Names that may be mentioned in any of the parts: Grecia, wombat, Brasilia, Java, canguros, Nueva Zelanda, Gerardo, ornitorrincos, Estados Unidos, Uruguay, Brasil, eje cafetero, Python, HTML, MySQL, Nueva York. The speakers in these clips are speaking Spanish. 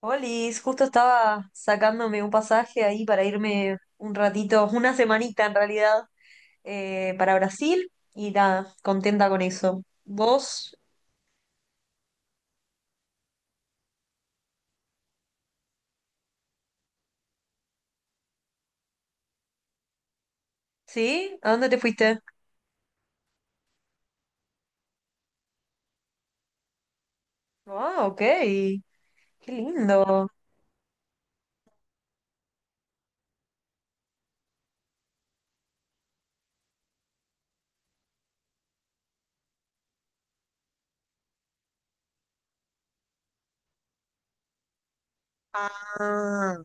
Olis, justo estaba sacándome un pasaje ahí para irme un ratito, una semanita en realidad, para Brasil y nada, contenta con eso. ¿Vos? ¿Sí? ¿A dónde te fuiste? Ah, ok, qué lindo. Ah,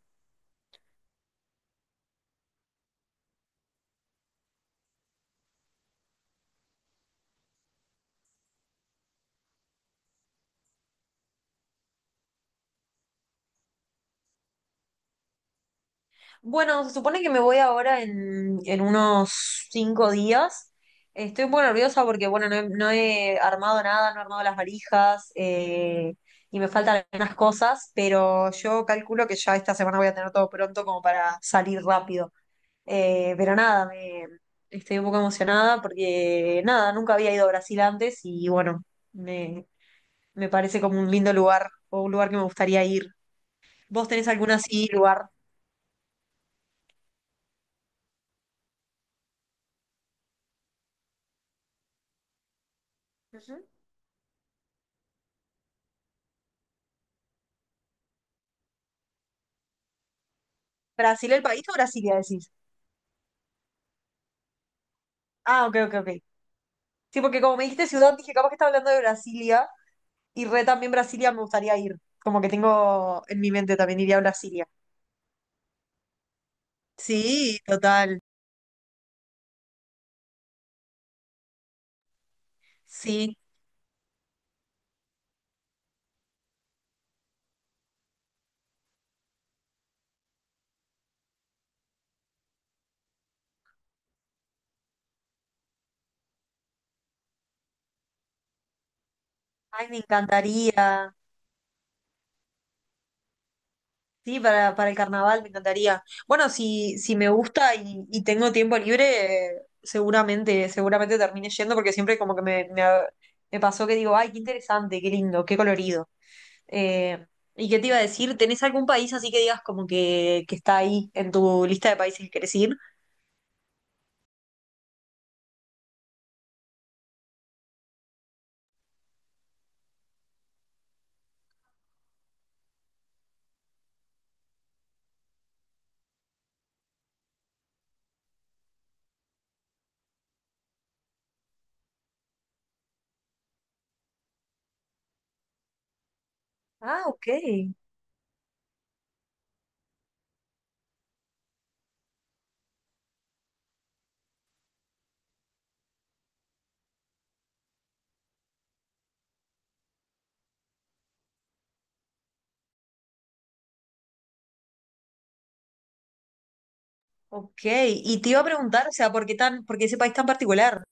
bueno, se supone que me voy ahora en unos 5 días. Estoy un poco nerviosa porque, bueno, no he armado nada, no he armado las valijas y me faltan algunas cosas, pero yo calculo que ya esta semana voy a tener todo pronto como para salir rápido. Pero nada, estoy un poco emocionada porque, nada, nunca había ido a Brasil antes y, bueno, me, me parece como un lindo lugar o un lugar que me gustaría ir. ¿Vos tenés algún así lugar? Ujú. ¿Brasil el país o Brasilia decís? Ah, ok, ok, ok. Sí, porque como me dijiste ciudad, dije, capaz que está hablando de Brasilia y re también Brasilia me gustaría ir. Como que tengo en mi mente también iría a Brasilia. Sí, total. Sí. Ay, me encantaría. Sí, para el carnaval me encantaría. Bueno, si me gusta y tengo tiempo libre, seguramente termine yendo porque siempre como que me pasó que digo, ay, qué interesante, qué lindo, qué colorido. Eh, ¿Y qué te iba a decir? ¿Tenés algún país así que digas como que está ahí en tu lista de países que querés ir? Ah, ok. Ok. Y te iba a preguntar, o sea, ¿por qué por qué ese país tan particular?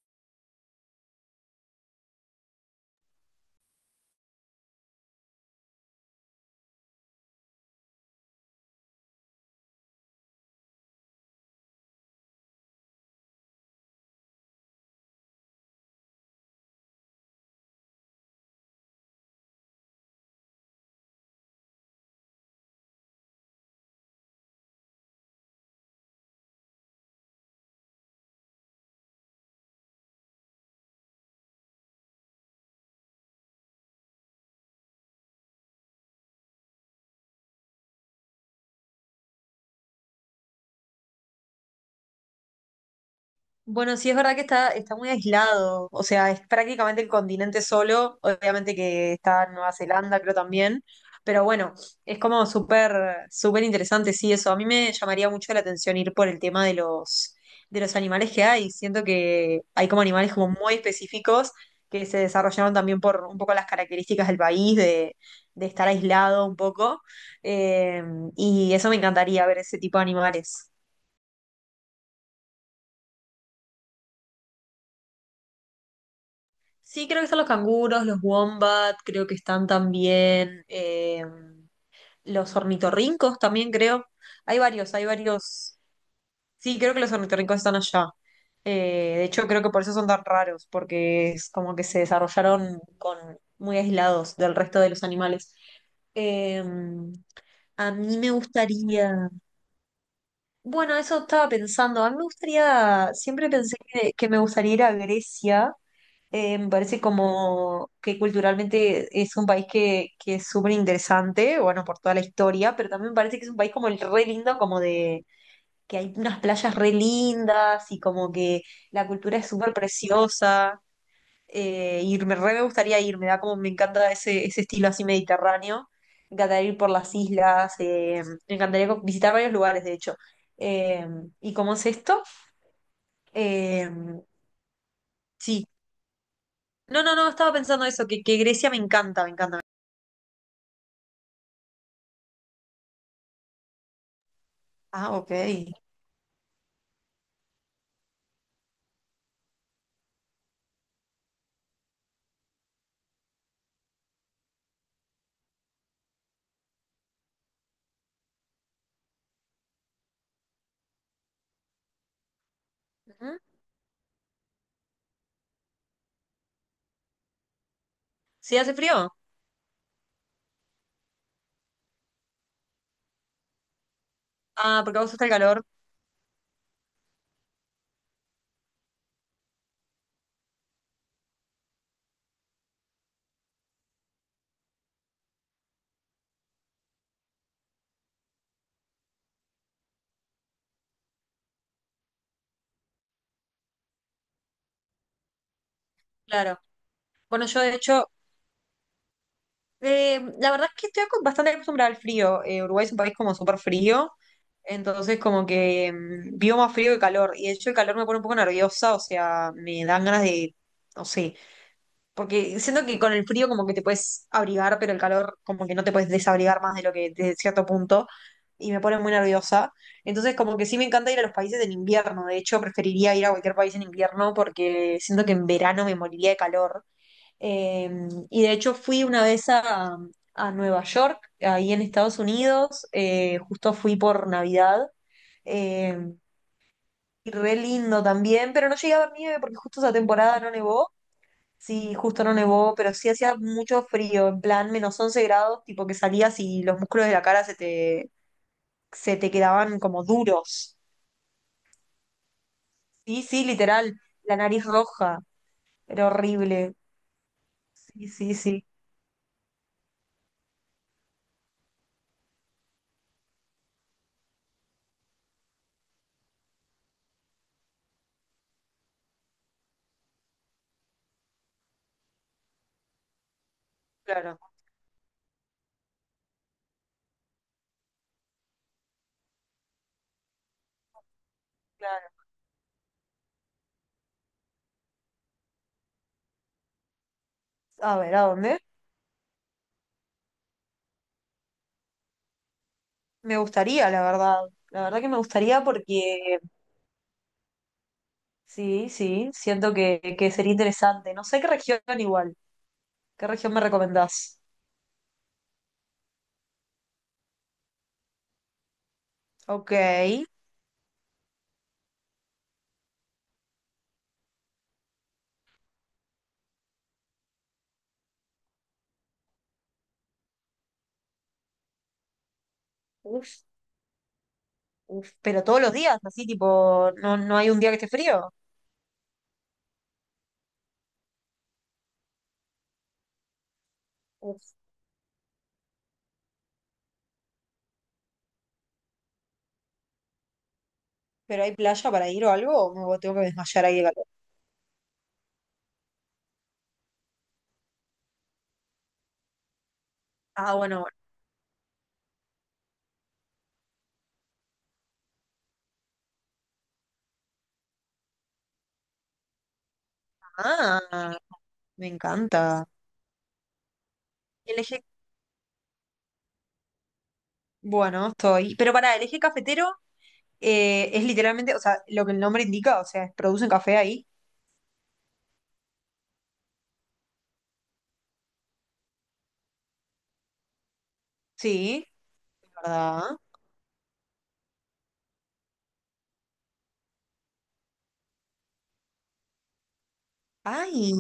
Bueno, sí es verdad que está muy aislado, o sea, es prácticamente el continente solo, obviamente que está Nueva Zelanda, creo también, pero bueno, es como súper interesante, sí, eso. A mí me llamaría mucho la atención ir por el tema de de los animales que hay. Siento que hay como animales como muy específicos que se desarrollaron también por un poco las características del país, de estar aislado un poco, eh, y eso me encantaría ver ese tipo de animales. Sí, creo que están los canguros, los wombat, creo que están también los ornitorrincos también creo. Hay varios, hay varios. Sí, creo que los ornitorrincos están allá. De hecho, creo que por eso son tan raros, porque es como que se desarrollaron con, muy aislados del resto de los animales. Eh, a mí me gustaría, bueno, eso estaba pensando, a mí me gustaría, siempre pensé que me gustaría ir a Grecia me parece como que culturalmente es un país que es súper interesante, bueno, por toda la historia, pero también me parece que es un país como el re lindo, como de que hay unas playas re lindas y como que la cultura es súper preciosa. Me gustaría ir, me da como, me encanta ese estilo así mediterráneo. Me encantaría ir por las islas, me encantaría visitar varios lugares, de hecho. Eh, ¿Y cómo es esto? Eh, sí. No, estaba pensando eso, que Grecia me encanta, me encanta. Ah, ok. Ujú. ¿Sí hace frío? Ah, porque a vos gusta el calor, claro. Bueno, yo de hecho, la verdad es que estoy bastante acostumbrada al frío. Uruguay es un país como súper frío, entonces como que mm, vivo más frío que calor. Y de hecho el calor me pone un poco nerviosa, o sea, me dan ganas de, no sé, porque siento que con el frío como que te puedes abrigar, pero el calor como que no te puedes desabrigar más de lo que de cierto punto. Y me pone muy nerviosa. Entonces como que sí me encanta ir a los países en invierno. De hecho, preferiría ir a cualquier país en invierno porque siento que en verano me moriría de calor. Eh, y de hecho fui una vez a Nueva York, ahí en Estados Unidos. Justo fui por Navidad. Eh, y re lindo también, pero no llegué a ver nieve porque justo esa temporada no nevó. Sí, justo no nevó, pero sí hacía mucho frío, en plan -11 grados, tipo que salías y los músculos de la cara se te quedaban como duros. Sí, sí, literal, la nariz roja, era horrible. Sí, sí, sí, claro, claro. A ver, ¿a dónde? Me gustaría, la verdad. La verdad que me gustaría porque sí, sí, siento que sería interesante. No sé qué región igual. ¿Qué región me recomendás? Ok. Uf. Uf, pero todos los días, así tipo, no hay un día que esté frío. Uf, ¿pero hay playa para ir o algo? ¿O me tengo que desmayar ahí de calor? Ah, bueno, bueno. Ah, me encanta. El eje, bueno, estoy. Pero pará, el eje cafetero es literalmente, o sea, lo que el nombre indica, o sea, producen café ahí. Sí, ¿verdad? Ay,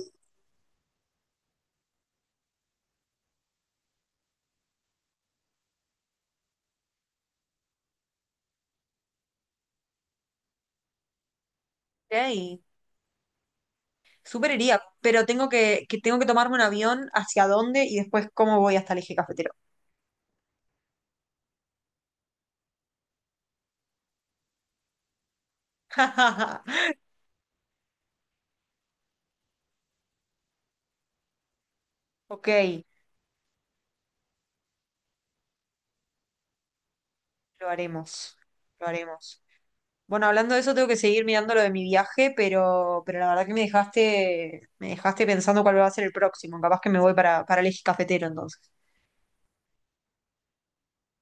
ok. Súper iría, pero tengo que tengo que tomarme un avión hacia dónde y después cómo voy hasta el eje cafetero. Ok, lo haremos. Lo haremos. Bueno, hablando de eso, tengo que seguir mirando lo de mi viaje, pero la verdad que me dejaste pensando cuál va a ser el próximo. Capaz que me voy para el eje cafetero entonces.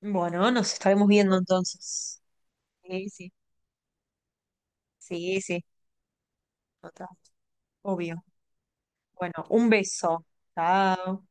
Bueno, nos estaremos viendo entonces. Sí, sí, sí, sí, total, obvio. Bueno, un beso. Chao.